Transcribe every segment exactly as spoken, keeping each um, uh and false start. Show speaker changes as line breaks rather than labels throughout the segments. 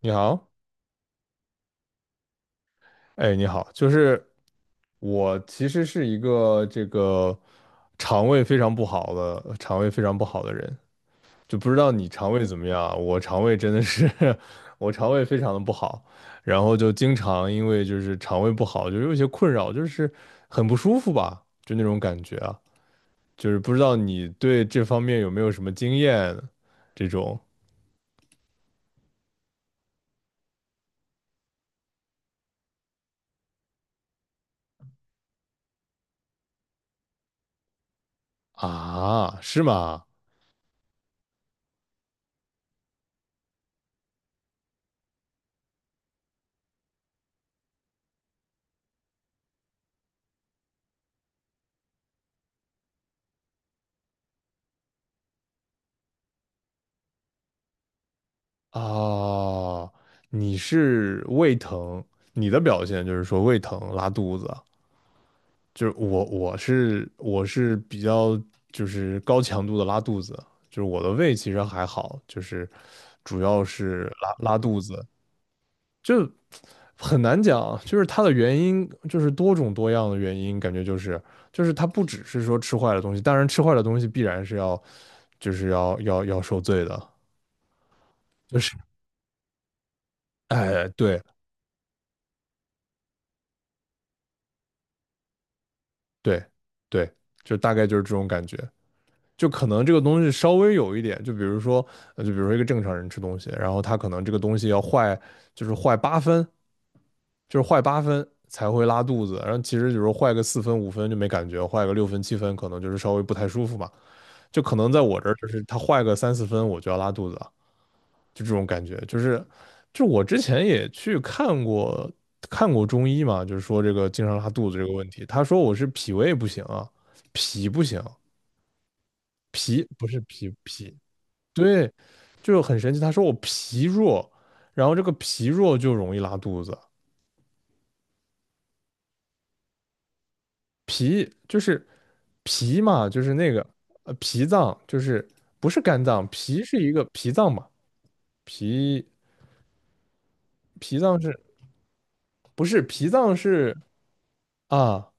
你好，哎，你好，就是我其实是一个这个肠胃非常不好的，肠胃非常不好的人，就不知道你肠胃怎么样啊我肠胃真的是，我肠胃非常的不好，然后就经常因为就是肠胃不好，就有一些困扰，就是很不舒服吧，就那种感觉啊，就是不知道你对这方面有没有什么经验，这种啊，是吗？啊，你是胃疼，你的表现就是说胃疼、拉肚子，就是我我是我是比较就是高强度的拉肚子，就是我的胃其实还好，就是主要是拉拉肚子，就很难讲，就是它的原因就是多种多样的原因，感觉就是就是它不只是说吃坏了东西，当然吃坏了东西必然是要就是要要要受罪的，就是哎对。对对，就大概就是这种感觉。就可能这个东西稍微有一点，就比如说，呃就比如说一个正常人吃东西，然后他可能这个东西要坏，就是坏八分，就是坏八分才会拉肚子。然后其实比如坏个四分五分就没感觉，坏个六分七分可能就是稍微不太舒服嘛。就可能在我这儿，就是他坏个三四分我就要拉肚子了。就这种感觉，就是就我之前也去看过看过中医嘛，就是说这个经常拉肚子这个问题，他说我是脾胃不行啊，脾不行，脾不是脾脾，对，就很神奇，他说我脾弱，然后这个脾弱就容易拉肚子，就是脾嘛，就是那个呃脾脏，就是不是肝脏，脾是一个脾脏嘛，脾脏是不是脾脏是啊？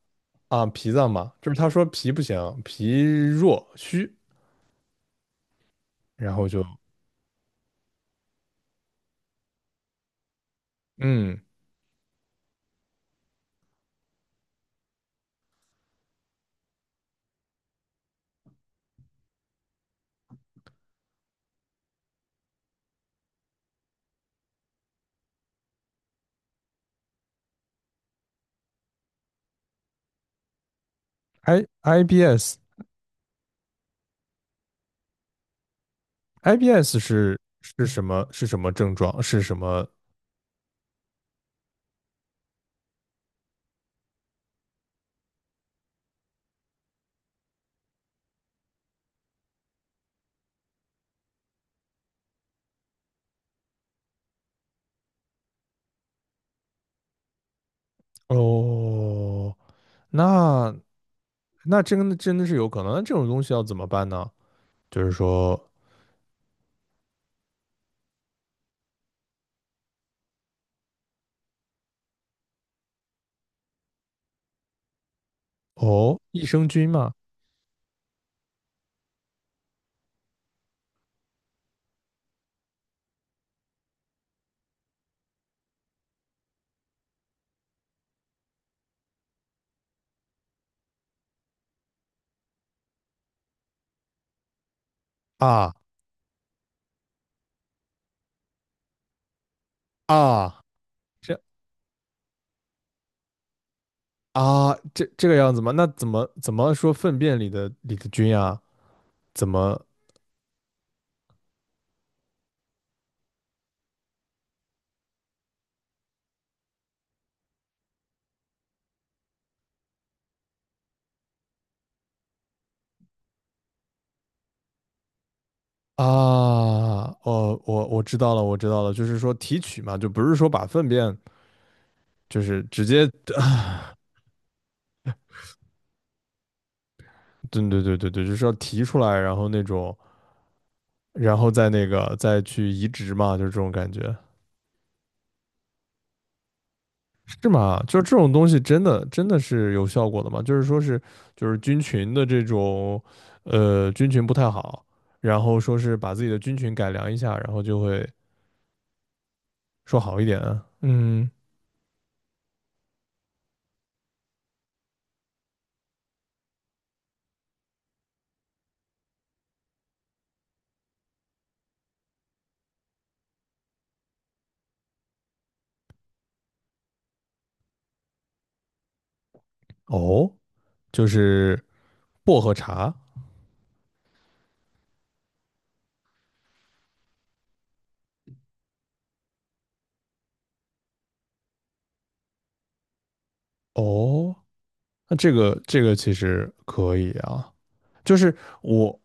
啊，脾脏嘛，就是他说脾不行，脾弱虚，然后就嗯，I I B S。 I B S 是是什么是什么症状是什么？哦，那那真的真的是有可能，那这种东西要怎么办呢？就是说，哦，益生菌嘛，啊啊，这啊这这个样子吗？那怎么怎么说粪便里的里的菌啊？怎么啊，哦，我我知道了，我知道了，就是说提取嘛，就不是说把粪便就是直接，对对对对对，就是要提出来，然后那种，然后再那个再去移植嘛，就是这种感觉，是吗？就是这种东西真的真的是有效果的吗？就是说是就是菌群的这种，呃，菌群不太好，然后说是把自己的菌群改良一下，然后就会说好一点。嗯，哦，就是薄荷茶，哦。那这个这个其实可以啊，就是我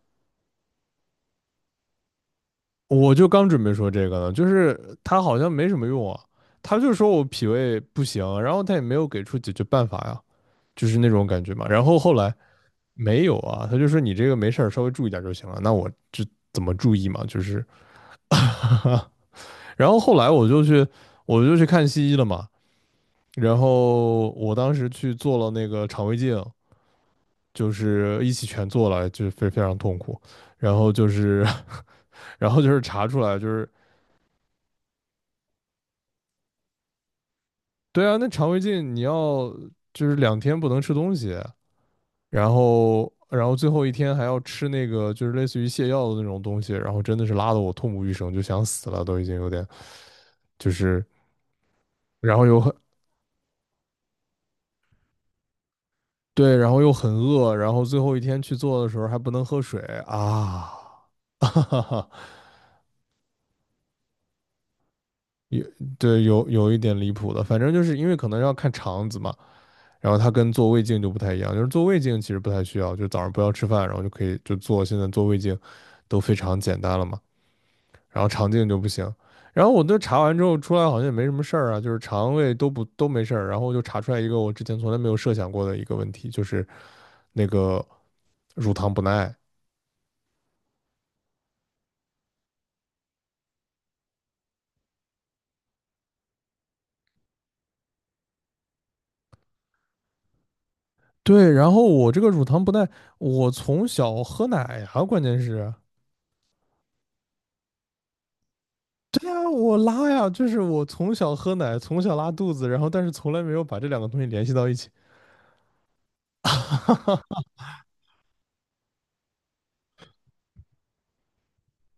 我就刚准备说这个呢，就是他好像没什么用啊，他就说我脾胃不行，然后他也没有给出解决办法呀，就是那种感觉嘛。然后后来没有啊，他就说你这个没事儿，稍微注意点就行了。那我就怎么注意嘛？就是 然后后来我就去我就去看西医了嘛，然后我当时去做了那个肠胃镜，就是一起全做了，就是非非常痛苦。然后就是然后就是查出来就是对啊，那肠胃镜你要就是两天不能吃东西，然后然后最后一天还要吃那个就是类似于泻药的那种东西，然后真的是拉得我痛不欲生，就想死了，都已经有点就是，然后又很对，然后又很饿，然后最后一天去做的时候还不能喝水啊。哈哈哈，对，有有一点离谱的，反正就是因为可能要看肠子嘛，然后它跟做胃镜就不太一样，就是做胃镜其实不太需要，就早上不要吃饭，然后就可以就做。现在做胃镜都非常简单了嘛，然后肠镜就不行。然后我都查完之后出来好像也没什么事儿啊，就是肠胃都不都没事儿。然后就查出来一个我之前从来没有设想过的一个问题，就是那个乳糖不耐。对，然后我这个乳糖不耐，我从小喝奶呀，关键是，对呀，我拉呀，就是我从小喝奶，从小拉肚子，然后但是从来没有把这两个东西联系到一起。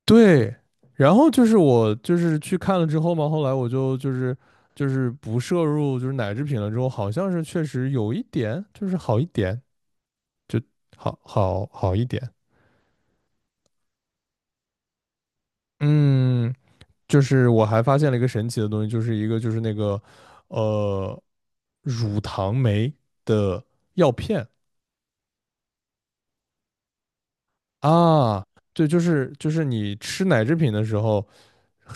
对，然后就是我就是去看了之后嘛，后来我就就是就是不摄入就是奶制品了之后，好像是确实有一点就是好一点，就好好好一点。嗯，就是我还发现了一个神奇的东西，就是一个就是那个呃乳糖酶的药片。啊，对，就是就是你吃奶制品的时候，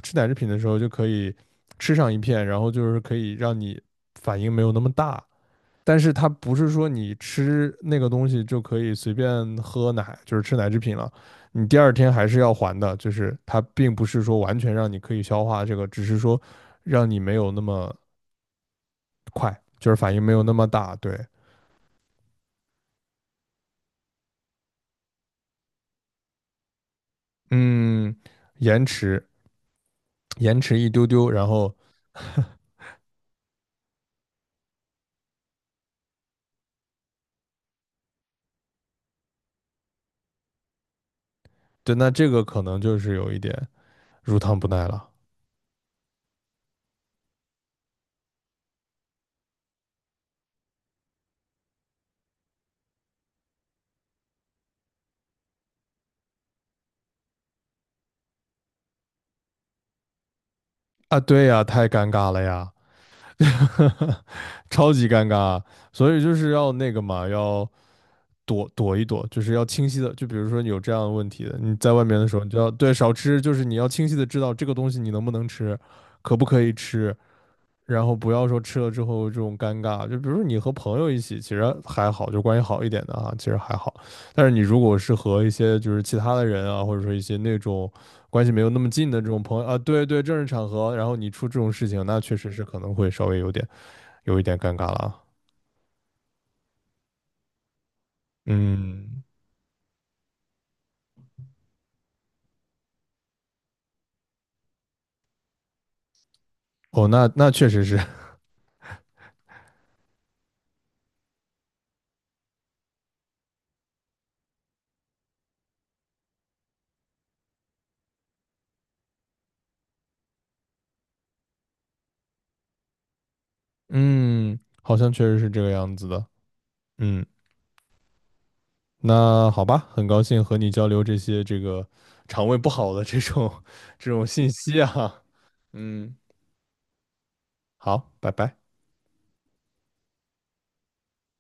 吃奶制品的时候就可以吃上一片，然后就是可以让你反应没有那么大，但是它不是说你吃那个东西就可以随便喝奶，就是吃奶制品了，你第二天还是要还的，就是它并不是说完全让你可以消化这个，只是说让你没有那么快，就是反应没有那么大，对，嗯，延迟延迟一丢丢，然后 对，那这个可能就是有一点乳糖不耐了啊。对呀，太尴尬了呀，超级尴尬。所以就是要那个嘛，要躲躲一躲，就是要清晰的。就比如说你有这样的问题的，你在外面的时候，你就要对少吃，就是你要清晰的知道这个东西你能不能吃，可不可以吃，然后不要说吃了之后这种尴尬，就比如说你和朋友一起，其实还好，就关系好一点的啊，其实还好。但是你如果是和一些就是其他的人啊，或者说一些那种关系没有那么近的这种朋友啊，对对，正式场合，然后你出这种事情，那确实是可能会稍微有点有一点尴尬了啊。嗯，哦，那那确实是，嗯，好像确实是这个样子的。嗯。那好吧，很高兴和你交流这些这个肠胃不好的这种 这种信息啊。嗯，好，拜拜。